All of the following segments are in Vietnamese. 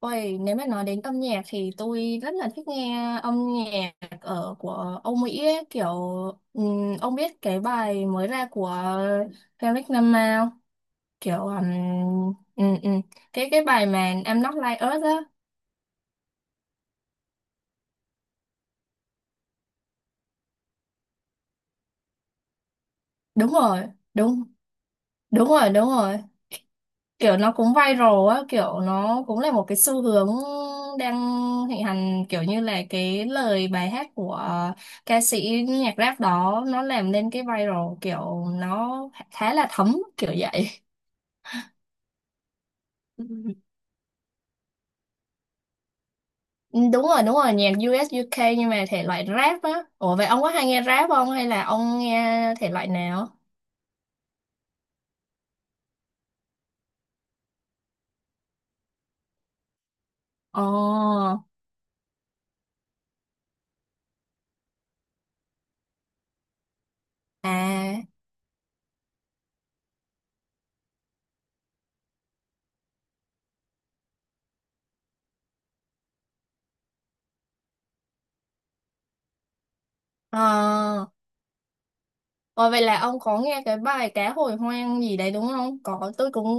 Ôi, nếu mà nói đến âm nhạc thì tôi rất là thích nghe âm nhạc ở của Âu Mỹ ấy, kiểu ông biết cái bài mới ra của Kendrick Lamar không? Kiểu ừm, ừm, cái bài mà I'm Not Like Us á. Đúng rồi, đúng đúng rồi. Kiểu nó cũng viral á, kiểu nó cũng là một cái xu hướng đang thịnh hành, kiểu như là cái lời bài hát của ca sĩ nhạc rap đó nó làm nên cái viral, kiểu nó khá là thấm kiểu vậy. Ừ. Ừ, đúng rồi, đúng rồi, nhạc US UK nhưng mà thể loại rap á. Ủa vậy ông có hay nghe rap không hay là ông nghe thể loại nào? Ồ. À. Ờ. Ờ, vậy là ông có nghe cái bài cá hồi hoang gì đấy đúng không? Có, tôi cũng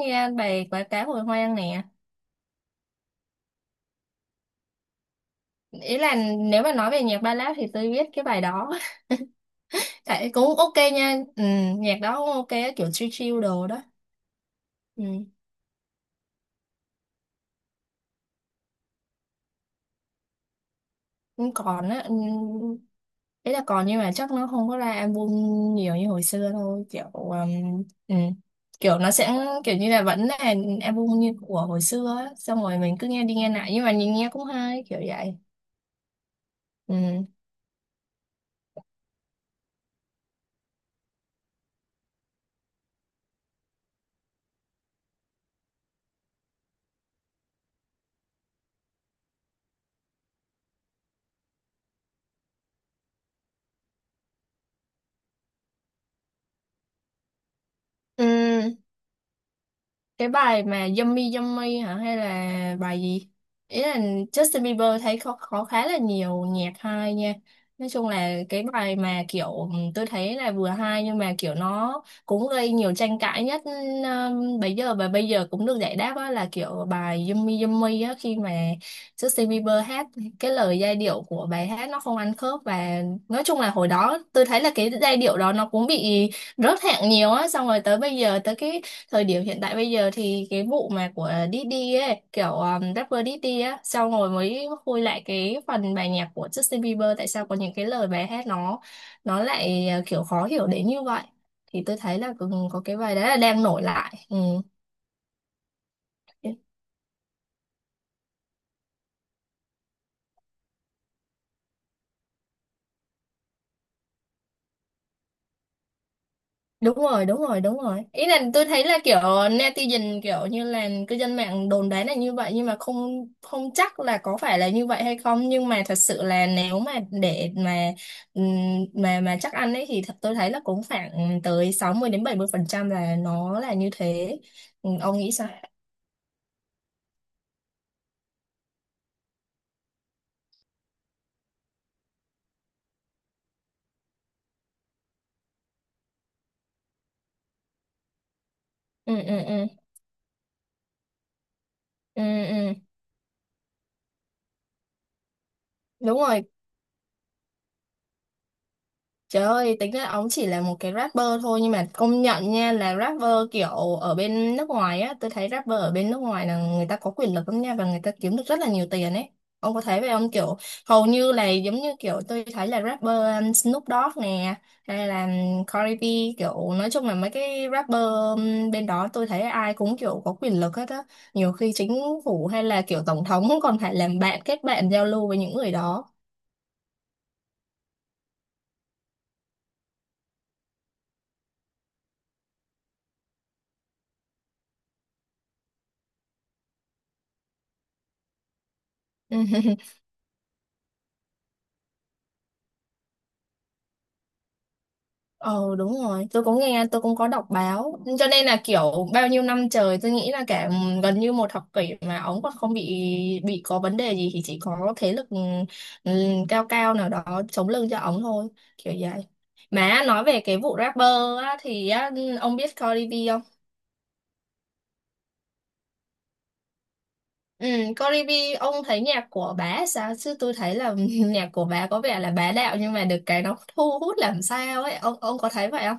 nghe bài cá cá hồi hoang nè. Ý là nếu mà nói về nhạc ballad thì tôi biết cái bài đó. Tại cũng ok nha. Ừ, nhạc đó cũng ok, kiểu chill chill đồ đó. Ừ. Cũng còn á, ừ, ý là còn nhưng mà chắc nó không có ra album nhiều như hồi xưa thôi. Kiểu, ừ. Kiểu nó sẽ kiểu như là vẫn là album như của hồi xưa á. Xong rồi mình cứ nghe đi nghe lại nhưng mà nhìn nghe cũng hay kiểu vậy. Ừ. Ừ. Cái bài mà Yummy Yummy hả hay là bài gì, ý là Justin Bieber thấy có khá là nhiều nhạc hay nha. Nói chung là cái bài mà kiểu tôi thấy là vừa hay nhưng mà kiểu nó cũng gây nhiều tranh cãi nhất, bây giờ và bây giờ cũng được giải đáp á, là kiểu bài Yummy Yummy á, khi mà Justin Bieber hát cái lời giai điệu của bài hát nó không ăn khớp, và nói chung là hồi đó tôi thấy là cái giai điệu đó nó cũng bị rớt hạng nhiều á, xong rồi tới bây giờ tới cái thời điểm hiện tại bây giờ thì cái vụ mà của Diddy ấy, kiểu rapper Diddy á, sau rồi mới khui lại cái phần bài nhạc của Justin Bieber tại sao có những cái lời bài hát nó lại kiểu khó hiểu đến như vậy, thì tôi thấy là cũng có cái bài đấy là đang nổi lại. Ừ. Đúng rồi, đúng rồi, đúng rồi, ý là tôi thấy là kiểu netizen kiểu như là cư dân mạng đồn đoán là như vậy nhưng mà không không chắc là có phải là như vậy hay không, nhưng mà thật sự là nếu mà để ừm, mà chắc ăn ấy thì thật tôi thấy là cũng khoảng tới 60 đến 70 phần trăm là nó là như thế. Ừ, ông nghĩ sao? Ừ. Ừ. Ừ. Ừ. Ừ. Đúng rồi. Trời ơi, tính ra ông chỉ là một cái rapper thôi nhưng mà công nhận nha là rapper kiểu ở bên nước ngoài á, tôi thấy rapper ở bên nước ngoài là người ta có quyền lực lắm nha và người ta kiếm được rất là nhiều tiền ấy. Ông có thấy vậy không? Kiểu hầu như là giống như kiểu tôi thấy là rapper Snoop Dogg nè hay là Cardi B, kiểu nói chung là mấy cái rapper bên đó tôi thấy ai cũng kiểu có quyền lực hết á. Nhiều khi chính phủ hay là kiểu tổng thống cũng còn phải làm bạn kết bạn giao lưu với những người đó. Ờ đúng rồi, tôi cũng nghe, tôi cũng có đọc báo. Cho nên là kiểu bao nhiêu năm trời tôi nghĩ là cả gần như một thập kỷ mà ống còn không bị có vấn đề gì thì chỉ có thế lực, ừ, cao cao nào đó chống lưng cho ống thôi, kiểu vậy. Mà nói về cái vụ rapper á, thì á, ông biết Cardi B không? Ừ, Cardi B, ông thấy nhạc của bà sao? Chứ tôi thấy là nhạc của bà có vẻ là bá đạo nhưng mà được cái nó thu hút làm sao ấy. Ông có thấy vậy không?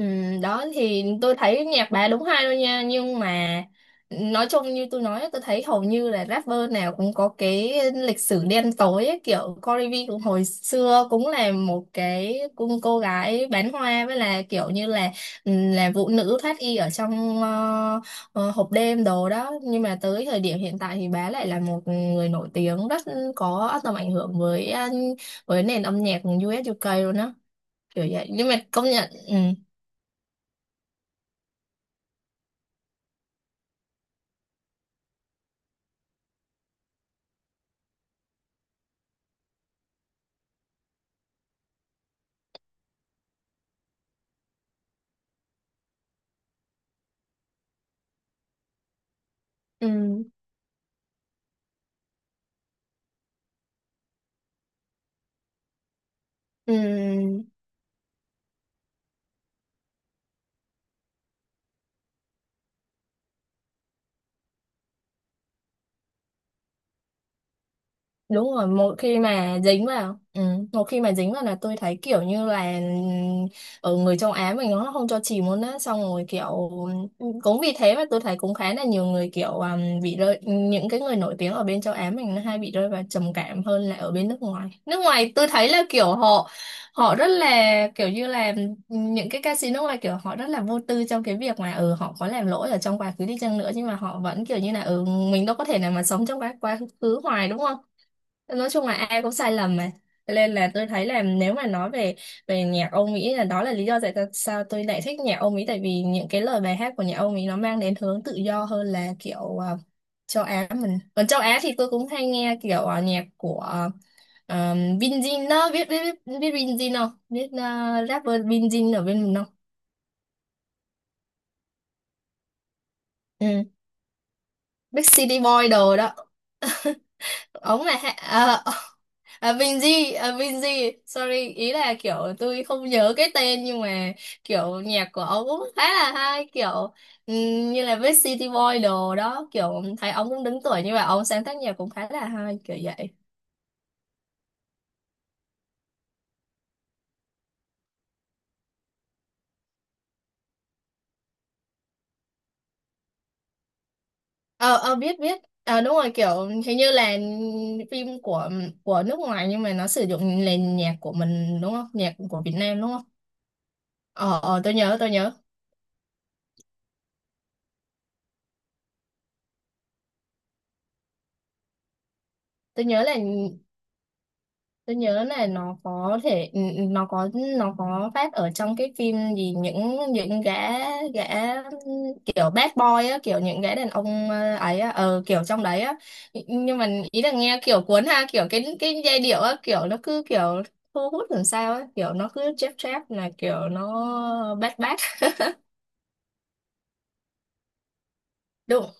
Ừ, đó thì tôi thấy nhạc bà đúng hay luôn nha, nhưng mà nói chung như tôi nói tôi thấy hầu như là rapper nào cũng có cái lịch sử đen tối ấy, kiểu Cardi B cũng hồi xưa cũng là một cái cô gái bán hoa với là kiểu như là ừ, là vũ nữ thoát y ở trong hộp đêm đồ đó, nhưng mà tới thời điểm hiện tại thì bà lại là một người nổi tiếng rất có tầm ảnh hưởng với với nền âm nhạc US UK luôn đó, kiểu vậy nhưng mà công nhận ừ. Ừ. Ừm, đúng rồi, một khi mà dính vào ừ, một khi mà dính vào là tôi thấy kiểu như là ừ, ở người châu Á mình nó không cho chìm luôn á, xong rồi kiểu ừ, cũng vì thế mà tôi thấy cũng khá là nhiều người kiểu bị rơi những cái người nổi tiếng ở bên châu Á mình nó hay bị rơi vào trầm cảm hơn là ở bên nước ngoài, nước ngoài tôi thấy là kiểu họ họ rất là kiểu như là ừ, những cái ca sĩ nước ngoài kiểu họ rất là vô tư trong cái việc mà ừ họ có làm lỗi ở trong quá khứ đi chăng nữa nhưng mà họ vẫn kiểu như là ừ mình đâu có thể nào mà sống trong quá quá khứ hoài đúng không, nói chung là ai cũng sai lầm mà. Cho nên là tôi thấy là nếu mà nói về về nhạc Âu Mỹ là đó là lý do sao tôi lại thích nhạc Âu Mỹ, tại vì những cái lời bài hát của nhạc Âu Mỹ nó mang đến hướng tự do hơn là kiểu châu Á mình, còn châu Á thì tôi cũng hay nghe kiểu nhạc của uh, Vin Jin đó, biết biết Vin Jin không, biết rapper Vin Jin ở bên mình không? Ừ. Big City Boy đồ đó, ống này à, à, Binz. À, Binz, sorry, ý là kiểu tôi không nhớ cái tên nhưng mà kiểu nhạc của ông cũng khá là hay, kiểu như là với City Boy đồ đó, kiểu thấy ông cũng đứng tuổi như vậy ông sáng tác nhạc cũng khá là hay kiểu vậy. Ờ ờ biết biết ờ đúng rồi, kiểu hình như là phim của nước ngoài nhưng mà nó sử dụng nền nhạc của mình đúng không, nhạc của Việt Nam đúng không? Ờ ờ tôi nhớ, tôi nhớ là tôi nhớ là nó có thể ừ, ừ, nó có phát ở trong cái phim gì, những gã gã kiểu bad boy á, kiểu những gã đàn ông ấy á ờ kiểu trong đấy á, nhưng mà ý là nghe kiểu cuốn ha, kiểu cái giai điệu á kiểu nó cứ kiểu thu hút làm sao á, kiểu nó cứ chép chép là kiểu nó bad bad. đúng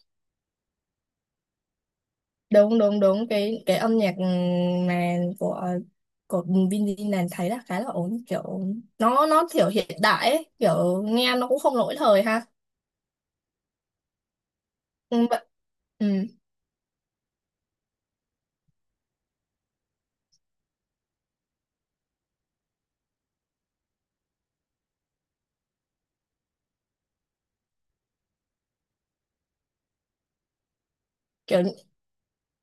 đúng đúng đúng Cái âm nhạc mà của Vin Diesel thấy là khá là ổn, kiểu nó kiểu hiện đại ấy, kiểu nghe nó cũng không lỗi thời ha. Ừ, vậy- ừ, kiểu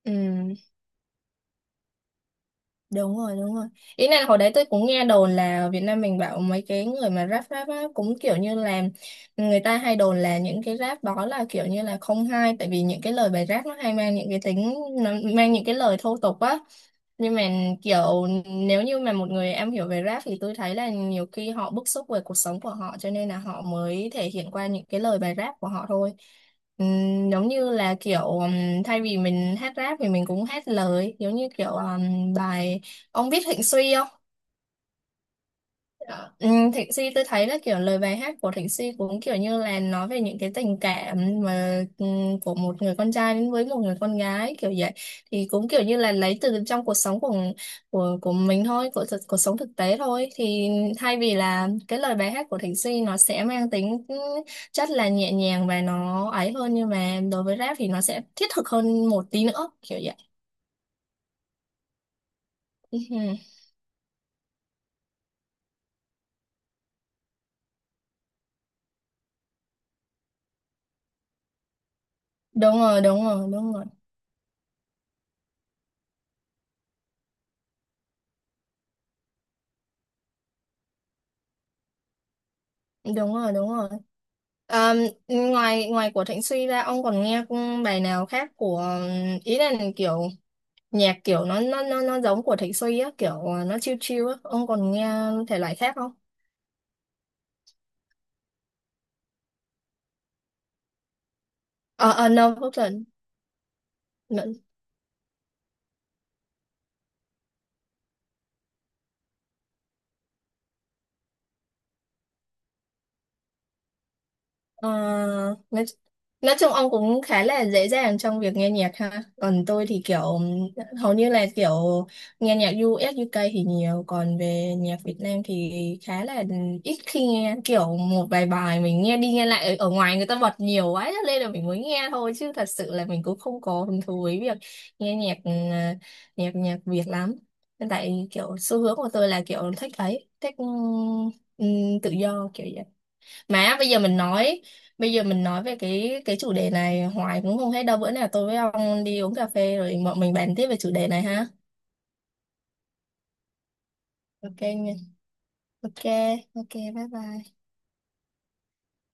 ừ, đúng rồi, đúng rồi, ý này hồi đấy tôi cũng nghe đồn là ở Việt Nam mình bảo mấy cái người mà rap rap á, cũng kiểu như là người ta hay đồn là những cái rap đó là kiểu như là không hay, tại vì những cái lời bài rap nó hay mang những cái tính, nó mang những cái lời thô tục á nhưng mà kiểu nếu như mà một người am hiểu về rap thì tôi thấy là nhiều khi họ bức xúc về cuộc sống của họ, cho nên là họ mới thể hiện qua những cái lời bài rap của họ thôi. Giống như là kiểu thay vì mình hát rap thì mình cũng hát lời giống như kiểu bài ông biết Hạnh Suy không? Ừ, Thịnh Si tôi thấy là kiểu lời bài hát của Thịnh Si cũng kiểu như là nói về những cái tình cảm mà ừ, của một người con trai đến với một người con gái kiểu vậy, thì cũng kiểu như là lấy từ trong cuộc sống của của mình thôi, của thực- cuộc sống thực tế thôi, thì thay vì là cái lời bài hát của Thịnh Si nó sẽ mang tính ừ, chất là nhẹ nhàng và nó ấy hơn nhưng mà đối với rap thì nó sẽ thiết thực hơn một tí nữa kiểu vậy. Ừ, đúng rồi, đúng rồi. Ờ, ngoài ngoài của Thịnh Suy ra ông còn nghe bài nào khác của, ý là kiểu nhạc kiểu nó giống của Thịnh Suy á, kiểu nó chill chill á, ông còn nghe thể loại khác không? Ờ ờ no không. Ờ, nói, nói chung ông cũng khá là dễ dàng trong việc nghe nhạc ha. Còn tôi thì kiểu hầu như là kiểu nghe nhạc u ét u UK thì nhiều, còn về nhạc Việt Nam thì khá là ít khi nghe, kiểu một vài bài mình nghe đi nghe lại ở, ở ngoài người ta bật nhiều quá cho nên là mình mới nghe thôi, chứ thật sự là mình cũng không có hứng thú với việc nghe nhạc ừ, nhạc nhạc Việt lắm. Tại kiểu xu hướng của tôi là kiểu thích ấy, thích ừ, ừ, tự do kiểu mà bây giờ mình nói bây giờ mình nói về cái chủ đề này hoài cũng không hết đâu, bữa nào tôi với ông đi uống cà phê rồi bọn mình bàn tiếp về chủ đề này ha. Ok nha. Ok, ok, bye bye.